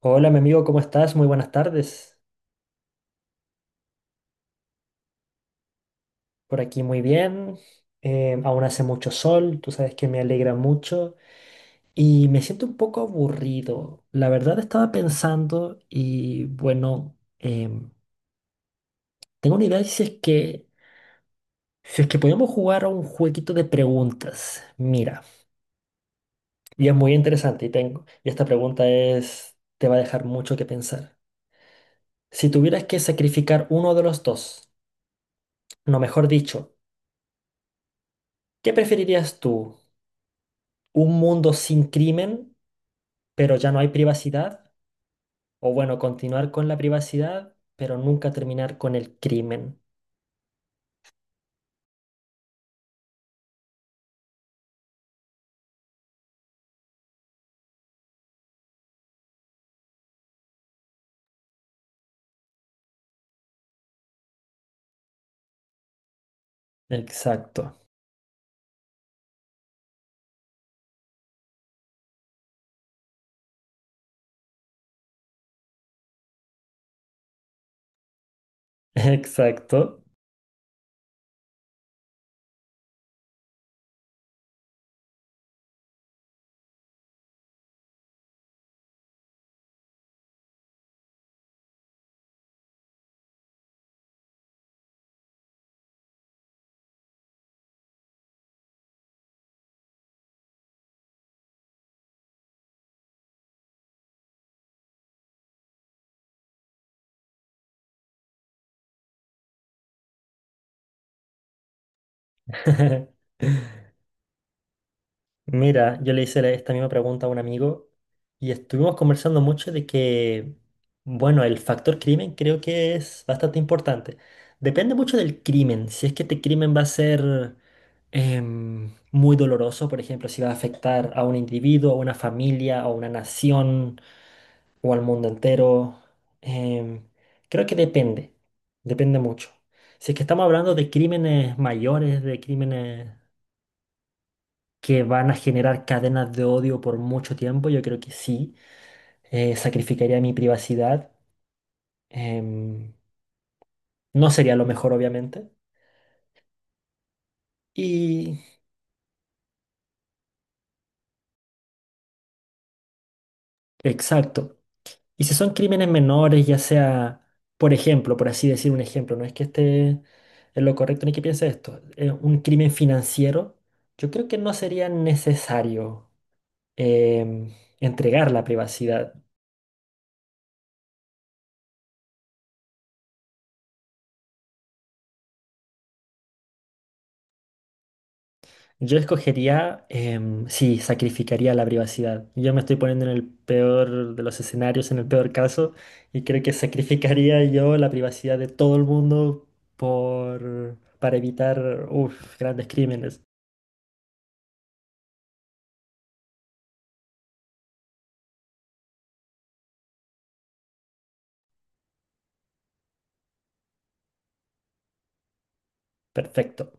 Hola, mi amigo, ¿cómo estás? Muy buenas tardes. Por aquí muy bien. Aún hace mucho sol, tú sabes que me alegra mucho y me siento un poco aburrido. La verdad estaba pensando y bueno, tengo una idea de si es que podemos jugar a un jueguito de preguntas. Mira, y es muy interesante y y esta pregunta es, te va a dejar mucho que pensar. Si tuvieras que sacrificar uno de los dos, no, mejor dicho, ¿qué preferirías tú? Un mundo sin crimen, pero ya no hay privacidad, o bueno, continuar con la privacidad, pero nunca terminar con el crimen. Exacto, exacto. Mira, yo esta misma pregunta a un amigo y estuvimos conversando mucho de que, bueno, el factor crimen creo que es bastante importante. Depende mucho del crimen, si es que este crimen va a ser muy doloroso. Por ejemplo, si va a afectar a un individuo, a una familia, a una nación, o al mundo entero. em, Creo que depende mucho. Si es que estamos hablando de crímenes mayores, de crímenes que van a generar cadenas de odio por mucho tiempo, yo creo que sí, sacrificaría mi privacidad. em, no sería lo mejor, obviamente. Y exacto. Y si son crímenes menores, ya sea, por ejemplo, por así decir un ejemplo, no es que esté en lo correcto ni que piense esto, un crimen financiero, yo creo que no sería necesario em, entregar la privacidad. Yo escogería, sí, sacrificaría la privacidad. Yo me estoy poniendo en el peor de los escenarios, en el peor caso, y creo que sacrificaría yo la privacidad de todo el mundo para evitar, uf, grandes crímenes. Perfecto.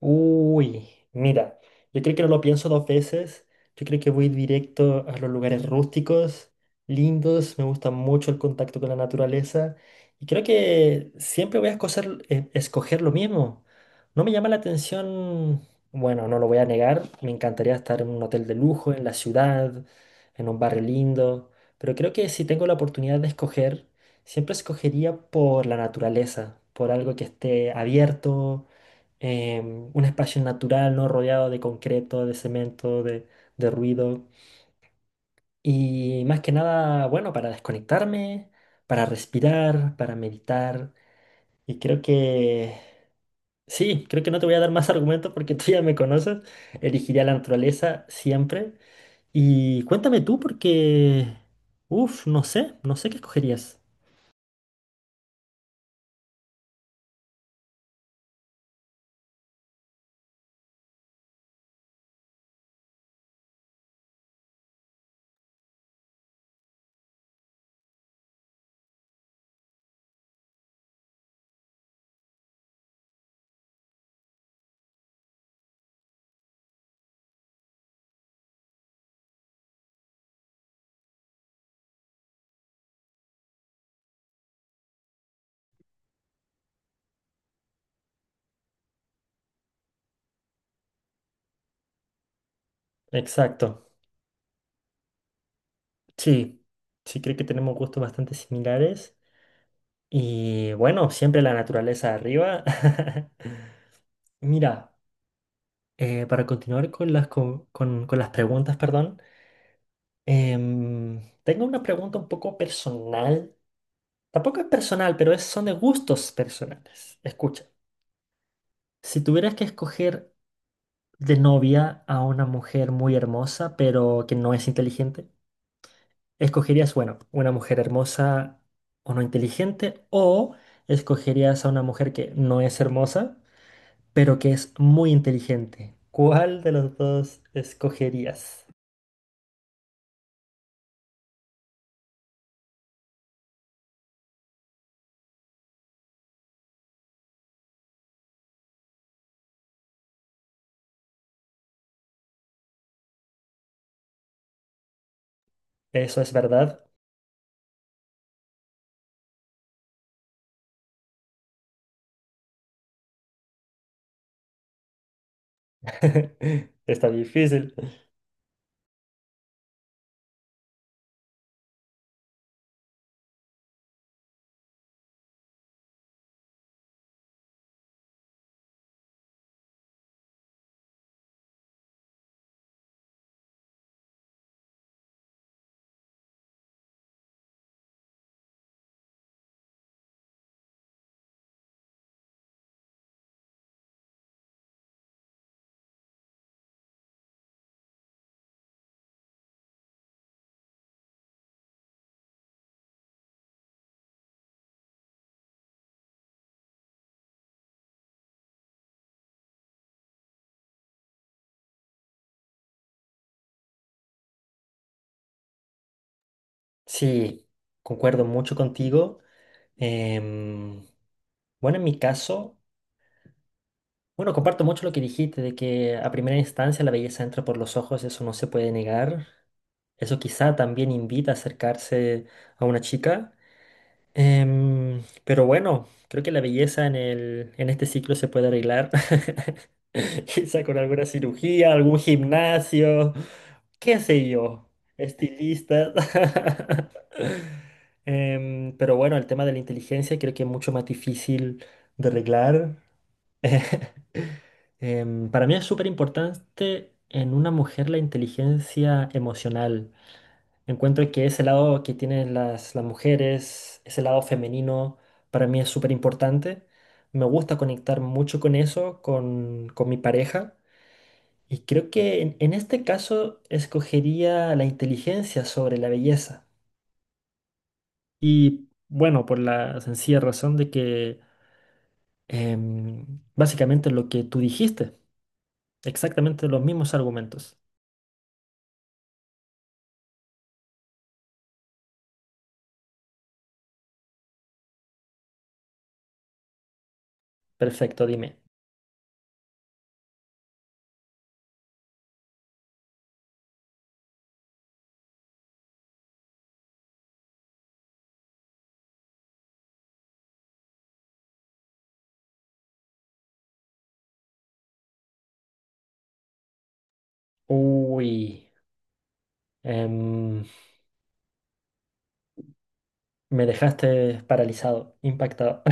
Uy, mira, yo creo que no lo pienso dos veces. Yo creo que voy directo a los lugares rústicos, lindos. Me gusta mucho el contacto con la naturaleza. Y creo que siempre voy a escoger lo mismo. No me llama la atención, bueno, no lo voy a negar. Me encantaría estar en un hotel de lujo, en la ciudad, en un barrio lindo. Pero creo que si tengo la oportunidad de escoger, siempre escogería por la naturaleza, por algo que esté abierto, un espacio natural, no rodeado de concreto, de ruido. Y más que nada, bueno, para desconectarme, para respirar, para meditar. Y creo que, sí, creo que no te voy a dar más argumentos porque tú ya me conoces. Elegiría la naturaleza siempre. Y cuéntame tú porque, uff, no sé qué escogerías. Exacto. Sí, sí, creo que tenemos gustos bastante similares. Y bueno, siempre la naturaleza arriba. Mira, para continuar con con las preguntas, perdón, tengo una pregunta un poco personal. Tampoco es personal, pero son de gustos personales. Escucha, si tuvieras que escoger de novia a una mujer muy hermosa, pero que no es inteligente, ¿escogerías, bueno, una mujer hermosa o no inteligente? ¿O escogerías a una mujer que no es hermosa, pero que es muy inteligente? ¿Cuál de los dos escogerías? Eso es verdad. Está difícil. Sí, concuerdo mucho contigo. Em, bueno, en mi caso, bueno, comparto mucho lo que dijiste de que a primera instancia la belleza entra por los ojos, eso no se puede negar. Eso quizá también invita a acercarse a una chica. Pero bueno, creo que la belleza en este ciclo se puede arreglar. Quizá con alguna cirugía, algún gimnasio, qué sé yo, estilistas. Pero bueno, el tema de la inteligencia creo que es mucho más difícil de arreglar. Para mí es súper importante en una mujer la inteligencia emocional. Encuentro que ese lado que tienen las mujeres, ese lado femenino, para mí es súper importante. Me gusta conectar mucho con eso, con mi pareja. Y creo que en este caso escogería la inteligencia sobre la belleza. Y bueno, por la sencilla razón de que básicamente lo que tú dijiste, exactamente los mismos argumentos. Perfecto, dime. Uy. em, Me dejaste paralizado, impactado.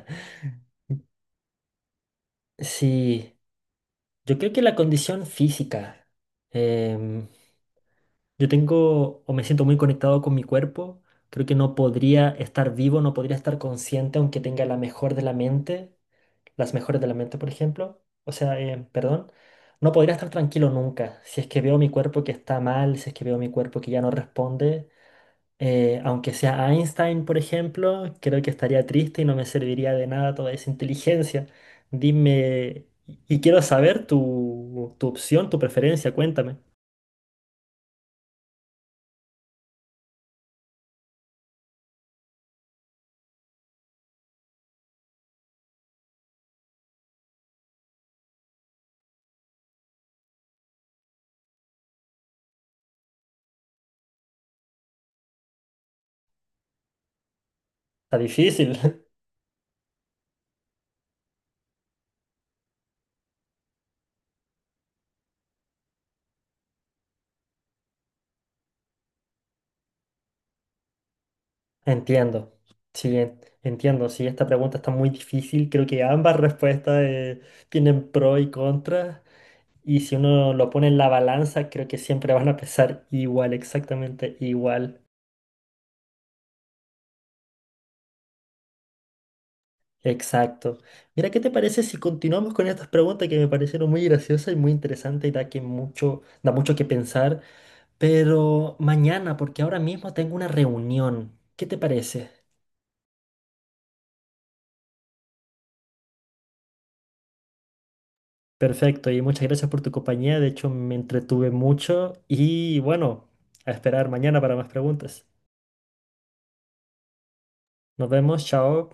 Sí, yo creo que la condición física. em, yo tengo o me siento muy conectado con mi cuerpo. Creo que no podría estar vivo, no podría estar consciente, aunque tenga la mejor de las mejores de la mente, por ejemplo. O sea, perdón, no podría estar tranquilo nunca. Si es que veo mi cuerpo que está mal, si es que veo mi cuerpo que ya no responde, aunque sea Einstein, por ejemplo, creo que estaría triste y no me serviría de nada toda esa inteligencia. Dime, y quiero saber tu opción, tu preferencia, cuéntame. Está difícil. Entiendo. Sí, entiendo. Sí, esta pregunta está muy difícil. Creo que ambas respuestas tienen pro y contra. Y si uno lo pone en la balanza, creo que siempre van a pesar igual, exactamente igual. Exacto. Mira, ¿qué te parece si continuamos con estas preguntas que me parecieron muy graciosas y muy interesantes y da mucho que pensar? Pero mañana, porque ahora mismo tengo una reunión. ¿Qué te parece? Perfecto, y muchas gracias por tu compañía. De hecho, me entretuve mucho y bueno, a esperar mañana para más preguntas. Nos vemos, chao.